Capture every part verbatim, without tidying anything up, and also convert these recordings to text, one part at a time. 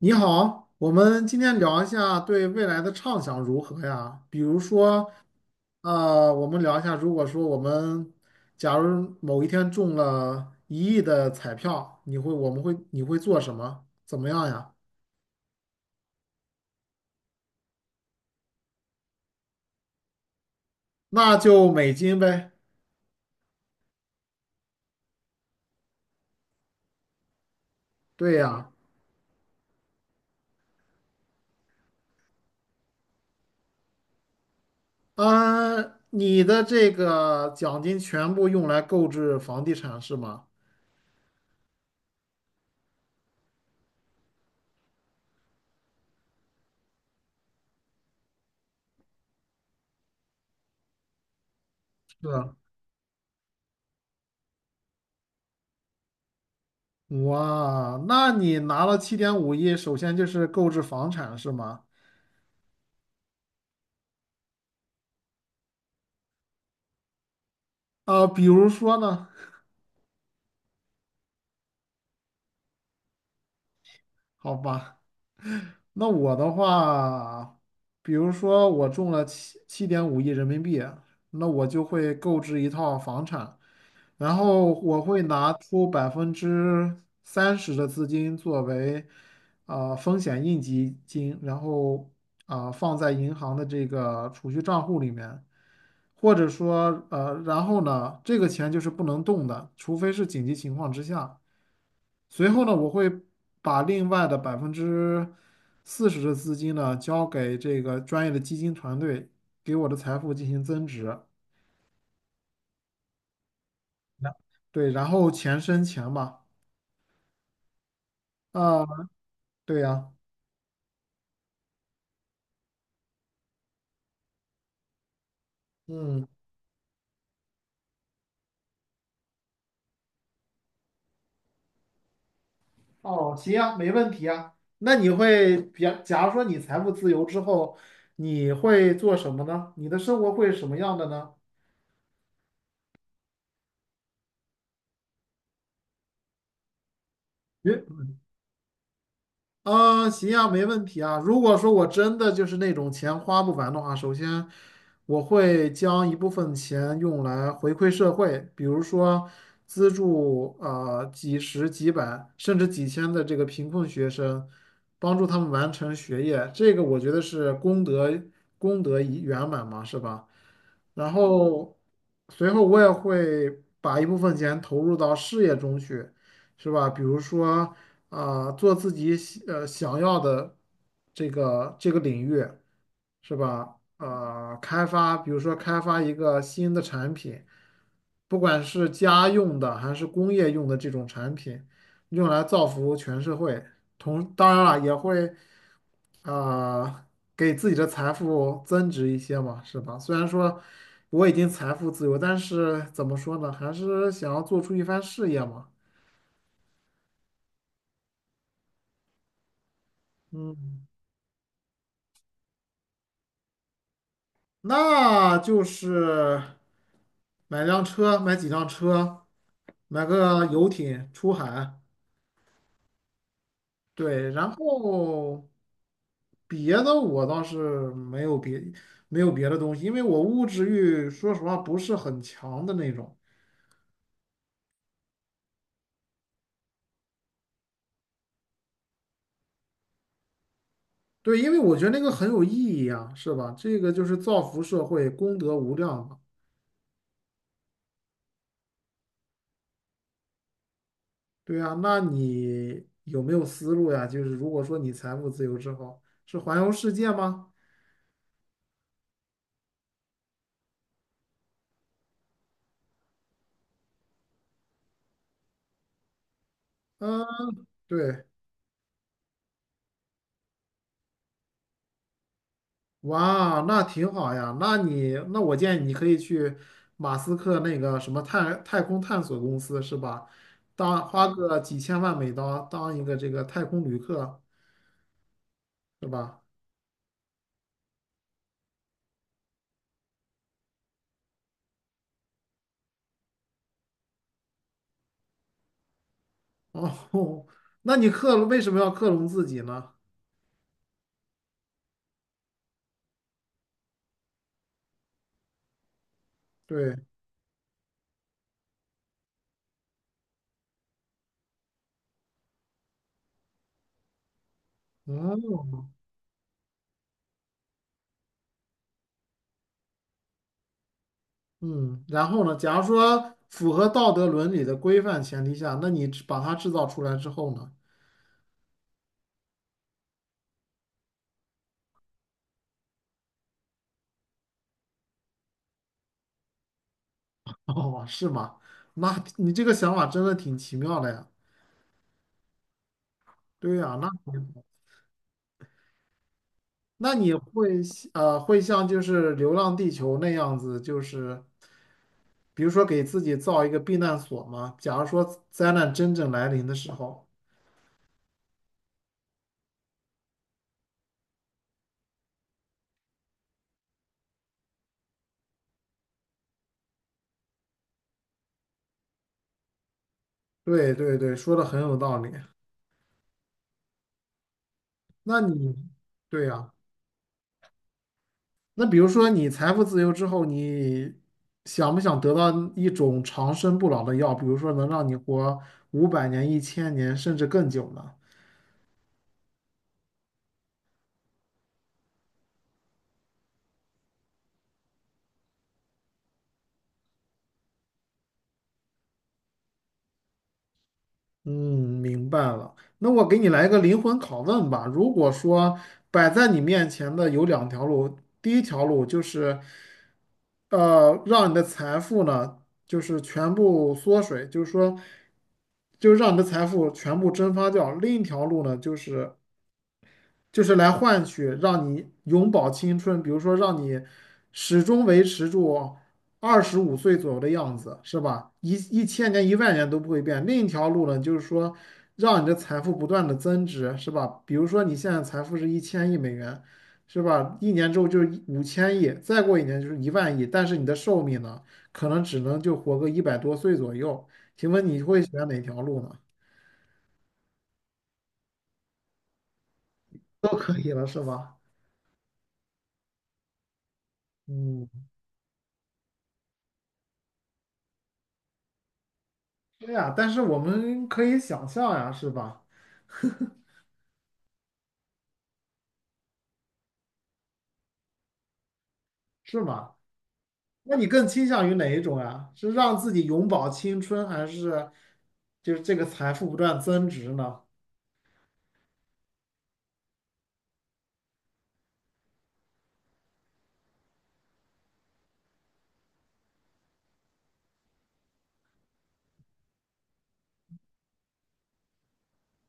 你好，我们今天聊一下对未来的畅想如何呀？比如说，呃，我们聊一下，如果说我们假如某一天中了一亿的彩票，你会，我们会，你会做什么？怎么样呀？那就美金呗。对呀。嗯，你的这个奖金全部用来购置房地产是吗？是啊。哇，那你拿了七点五亿，首先就是购置房产是吗？啊、比如说呢？好吧，那我的话，比如说我中了七七点五亿人民币，那我就会购置一套房产，然后我会拿出百分之三十的资金作为啊、风险应急金，然后啊、放在银行的这个储蓄账户里面，或者说呃，然后呢，这个钱就是不能动的，除非是紧急情况之下。随后呢，我会把另外的百分之四十的资金呢，交给这个专业的基金团队，给我的财富进行增值。那对，然后钱生钱嘛。啊，对呀。嗯。哦，行啊，没问题啊。那你会，比，假如说你财富自由之后，你会做什么呢？你的生活会是什么样的呢？啊，行啊，没问题啊。如果说我真的就是那种钱花不完的话，首先我会将一部分钱用来回馈社会，比如说资助呃几十、几百甚至几千的这个贫困学生，帮助他们完成学业，这个我觉得是功德功德已圆满嘛，是吧？然后随后我也会把一部分钱投入到事业中去，是吧？比如说。啊，做自己喜呃想要的这个这个领域，是吧？啊，开发，比如说开发一个新的产品，不管是家用的还是工业用的这种产品，用来造福全社会。同，当然了，也会啊，给自己的财富增值一些嘛，是吧？虽然说我已经财富自由，但是怎么说呢，还是想要做出一番事业嘛。嗯。那就是买辆车，买几辆车，买个游艇出海。对，然后别的我倒是没有别没有别的东西，因为我物质欲说实话不是很强的那种。对，因为我觉得那个很有意义啊，是吧？这个就是造福社会，功德无量嘛。对啊，那你有没有思路呀？就是如果说你财务自由之后，是环游世界吗？嗯，对。哇，那挺好呀。那你，那我建议你可以去马斯克那个什么太太空探索公司，是吧？当花个几千万美刀当一个这个太空旅客，是吧？哦，那你克隆为什么要克隆自己呢？对，哦，嗯，然后呢？假如说符合道德伦理的规范前提下，那你制把它制造出来之后呢？哦，是吗？那你这个想法真的挺奇妙的呀。对呀，那。那你会呃会像就是《流浪地球》那样子，就是比如说给自己造一个避难所吗？假如说灾难真正来临的时候，对对对，说的很有道理。那你对呀、那比如说你财富自由之后，你想不想得到一种长生不老的药？比如说能让你活五百年、一千年，甚至更久呢？嗯，明白了。那我给你来一个灵魂拷问吧。如果说摆在你面前的有两条路，第一条路就是，呃，让你的财富呢，就是全部缩水，就是说，就让你的财富全部蒸发掉；另一条路呢，就是就是来换取让你永葆青春，比如说让你始终维持住二十五岁左右的样子，是吧？一一千年、一万年都不会变。另一条路呢，就是说让你的财富不断的增值，是吧？比如说你现在财富是一千亿美元，是吧？一年之后就是五千亿，再过一年就是一万亿，但是你的寿命呢，可能只能就活个一百多岁左右。请问你会选哪条路呢？都可以了，是吧？嗯。对呀，但是我们可以想象呀，是吧？是吗？那你更倾向于哪一种呀？是让自己永葆青春，还是就是这个财富不断增值呢？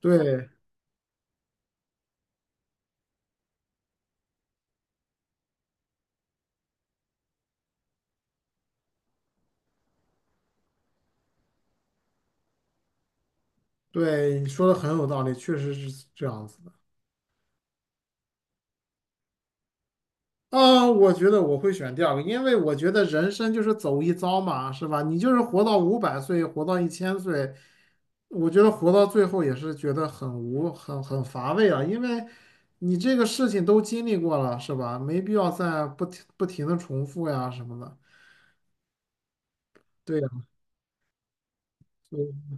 对对，你说的很有道理，确实是这样子的。啊，我觉得我会选第二个，因为我觉得人生就是走一遭嘛，是吧？你就是活到五百岁，活到一千岁，我觉得活到最后也是觉得很无、很很乏味啊，因为你这个事情都经历过了，是吧？没必要再不停不停的重复呀什么的。对呀，所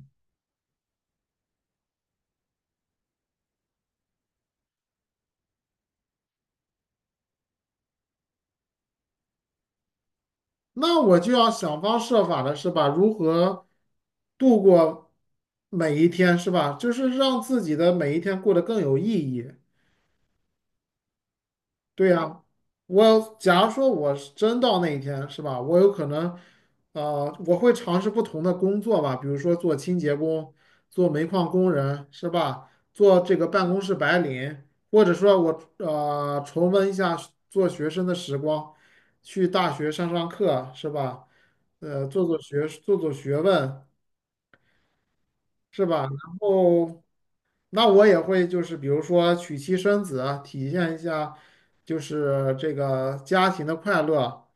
那我就要想方设法的是吧？如何度过每一天，是吧？就是让自己的每一天过得更有意义。对呀，我假如说我是真到那一天，是吧？我有可能，呃，我会尝试不同的工作吧，比如说做清洁工、做煤矿工人，是吧？做这个办公室白领，或者说我呃重温一下做学生的时光，去大学上上课，是吧？呃，做做学做做学问，是吧？然后。那我也会就是比如说娶妻生子啊，体现一下就是这个家庭的快乐，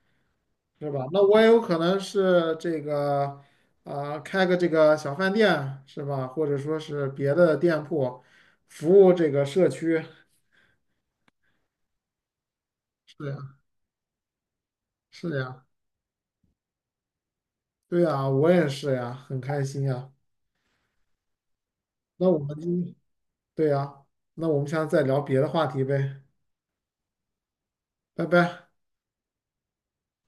是吧？那我也有可能是这个啊、开个这个小饭店，是吧？或者说是别的店铺，服务这个社区。是呀，是呀，对呀，我也是呀，很开心呀。那我们今，对呀，那我们下次再聊别的话题呗，拜拜。